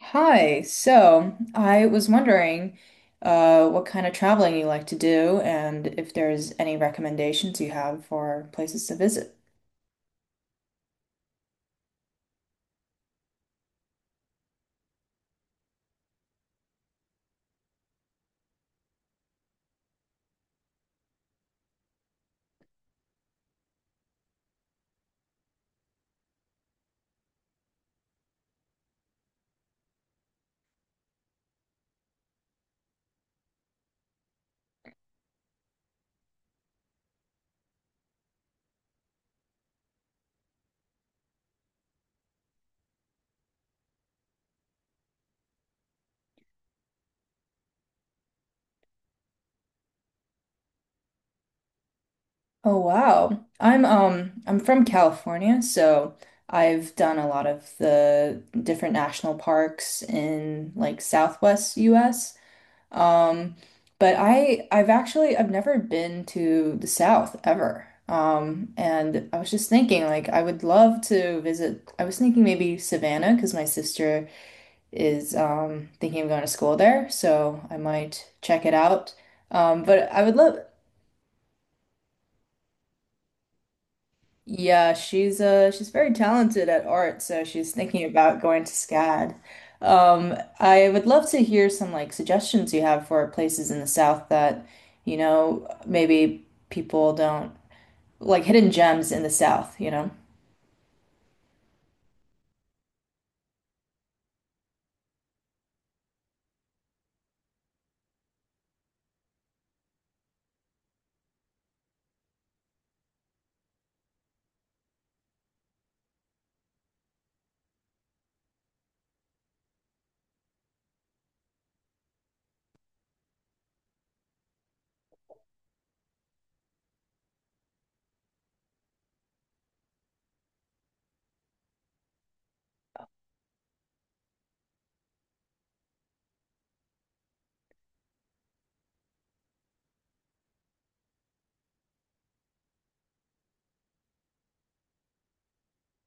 Hi. So I was wondering, what kind of traveling you like to do and if there's any recommendations you have for places to visit. Oh wow. I'm from California, so I've done a lot of the different national parks in like Southwest US. Um, but I I've actually I've never been to the South ever. And I was just thinking like I would love to visit. I was thinking maybe Savannah because my sister is thinking of going to school there, so I might check it out. But I would love. Yeah, she's very talented at art, so she's thinking about going to SCAD. I would love to hear some like suggestions you have for places in the South that, maybe people don't like hidden gems in the South, you know?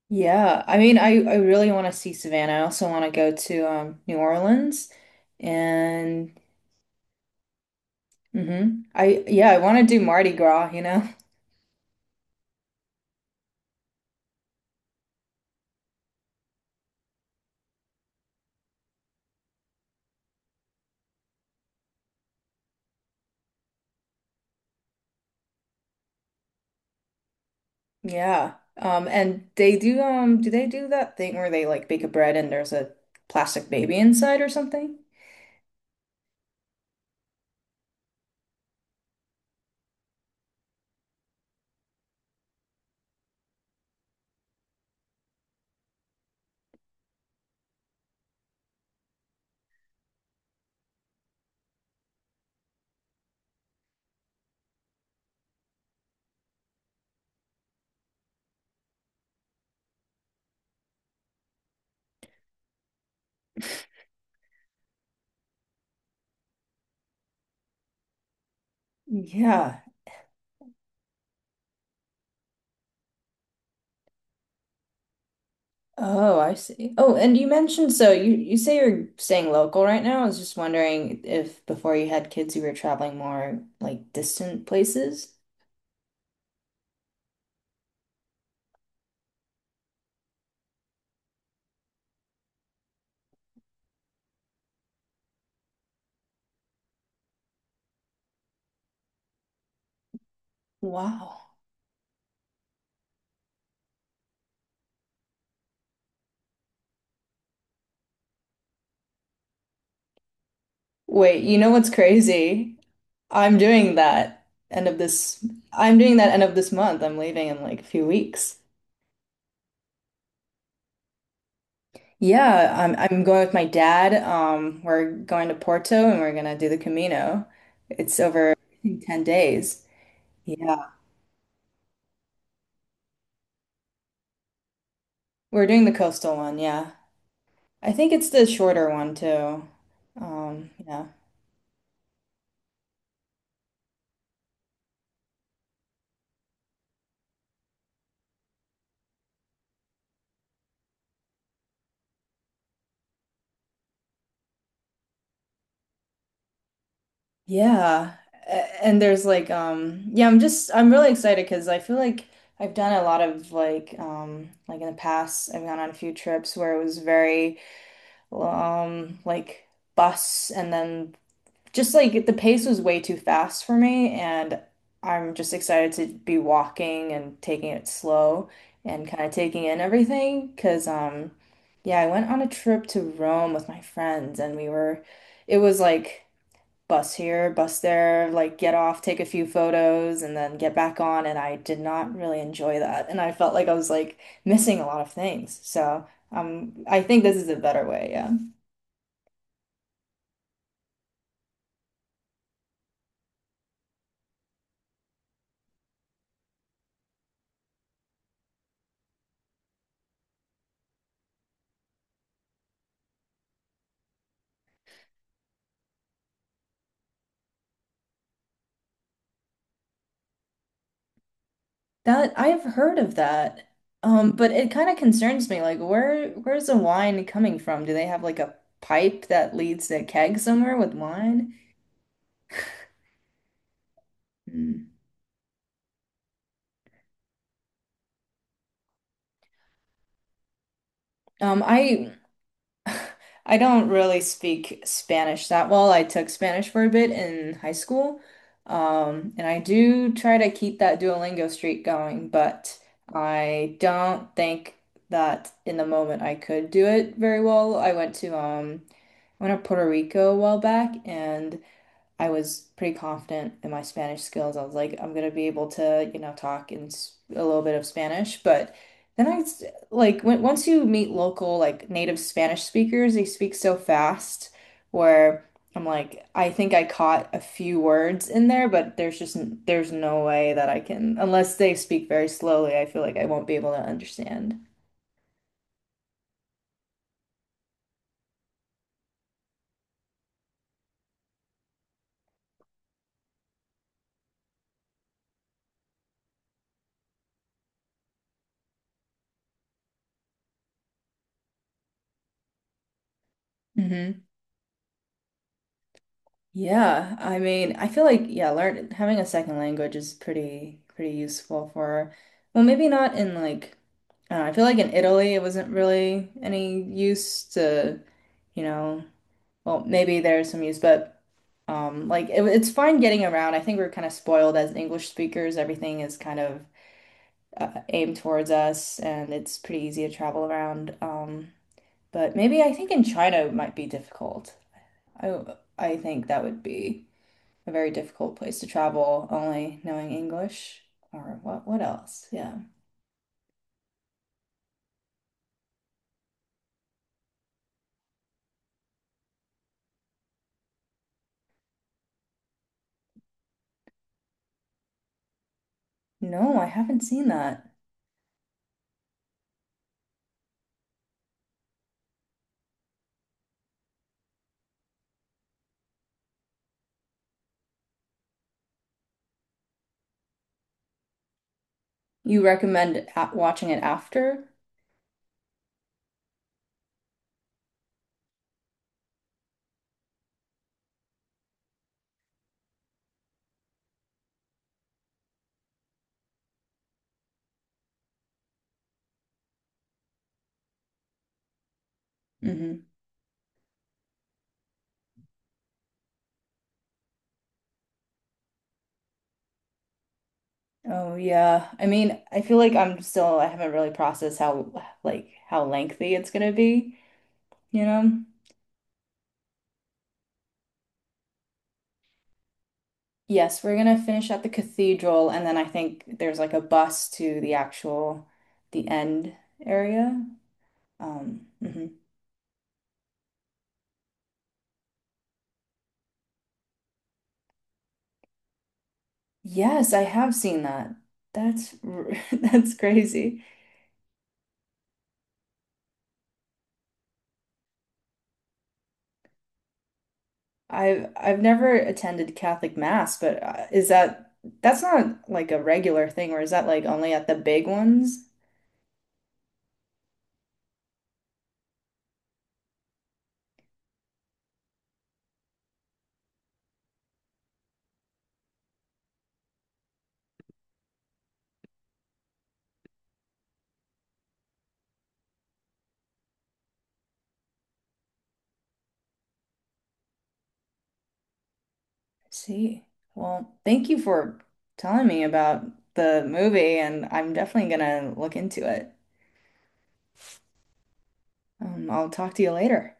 Yeah, I mean, I really want to see Savannah. I also want to go to New Orleans and mhm. I yeah, I want to do Mardi Gras, you know? Yeah. And they do do they do that thing where they like bake a bread and there's a plastic baby inside or something? Yeah. Oh, I see. Oh, and you mentioned so you say you're staying local right now. I was just wondering if before you had kids you were traveling more like distant places. Wow. Wait, you know what's crazy? I'm doing that end of this. I'm doing that end of this month. I'm leaving in like a few weeks. Yeah, I'm going with my dad. We're going to Porto and we're gonna do the Camino. It's over, I think, 10 days. Yeah. We're doing the coastal one, yeah. I think it's the shorter one too. Yeah. Yeah. And there's like yeah, I'm just I'm really excited because I feel like I've done a lot of like in the past I've gone on a few trips where it was very like bus and then just like the pace was way too fast for me and I'm just excited to be walking and taking it slow and kind of taking in everything because yeah I went on a trip to Rome with my friends and we were it was like bus here bus there like get off take a few photos and then get back on and I did not really enjoy that and I felt like I was like missing a lot of things so I think this is a better way yeah. That I've heard of that. But it kind of concerns me. Like, where's the wine coming from? Do they have like a pipe that leads to a keg somewhere with wine? Hmm. I I don't really speak Spanish that well. I took Spanish for a bit in high school. And I do try to keep that Duolingo streak going, but I don't think that in the moment I could do it very well. I went to Puerto Rico a while back and I was pretty confident in my Spanish skills. I was like, I'm gonna be able to, talk in a little bit of Spanish. But then like when, once you meet local like native Spanish speakers, they speak so fast where I'm like, I think I caught a few words in there, but there's just there's no way that I can unless they speak very slowly. I feel like I won't be able to understand. Mm-hmm. Yeah, I mean, I feel like yeah, learn having a second language is pretty useful for, well, maybe not in like, I don't know, I feel like in Italy it wasn't really any use to, you know, Well, maybe there's some use, but like it's fine getting around. I think we're kind of spoiled as English speakers. Everything is kind of aimed towards us, and it's pretty easy to travel around. But maybe I think in China it might be difficult. I I think that would be a very difficult place to travel, only knowing English. Or what? What else? Yeah. No, I haven't seen that. You recommend a watching it after? Hmm. Oh yeah. I mean, I feel like I haven't really processed how like how lengthy it's gonna be, you know? Yes, we're gonna finish at the cathedral and then I think there's like a bus to the end area. Mhm. Yes, I have seen that. That's crazy. I've never attended Catholic Mass, but is that that's not like a regular thing or is that like only at the big ones? See. Well, thank you for telling me about the movie, and I'm definitely gonna look into it. I'll talk to you later.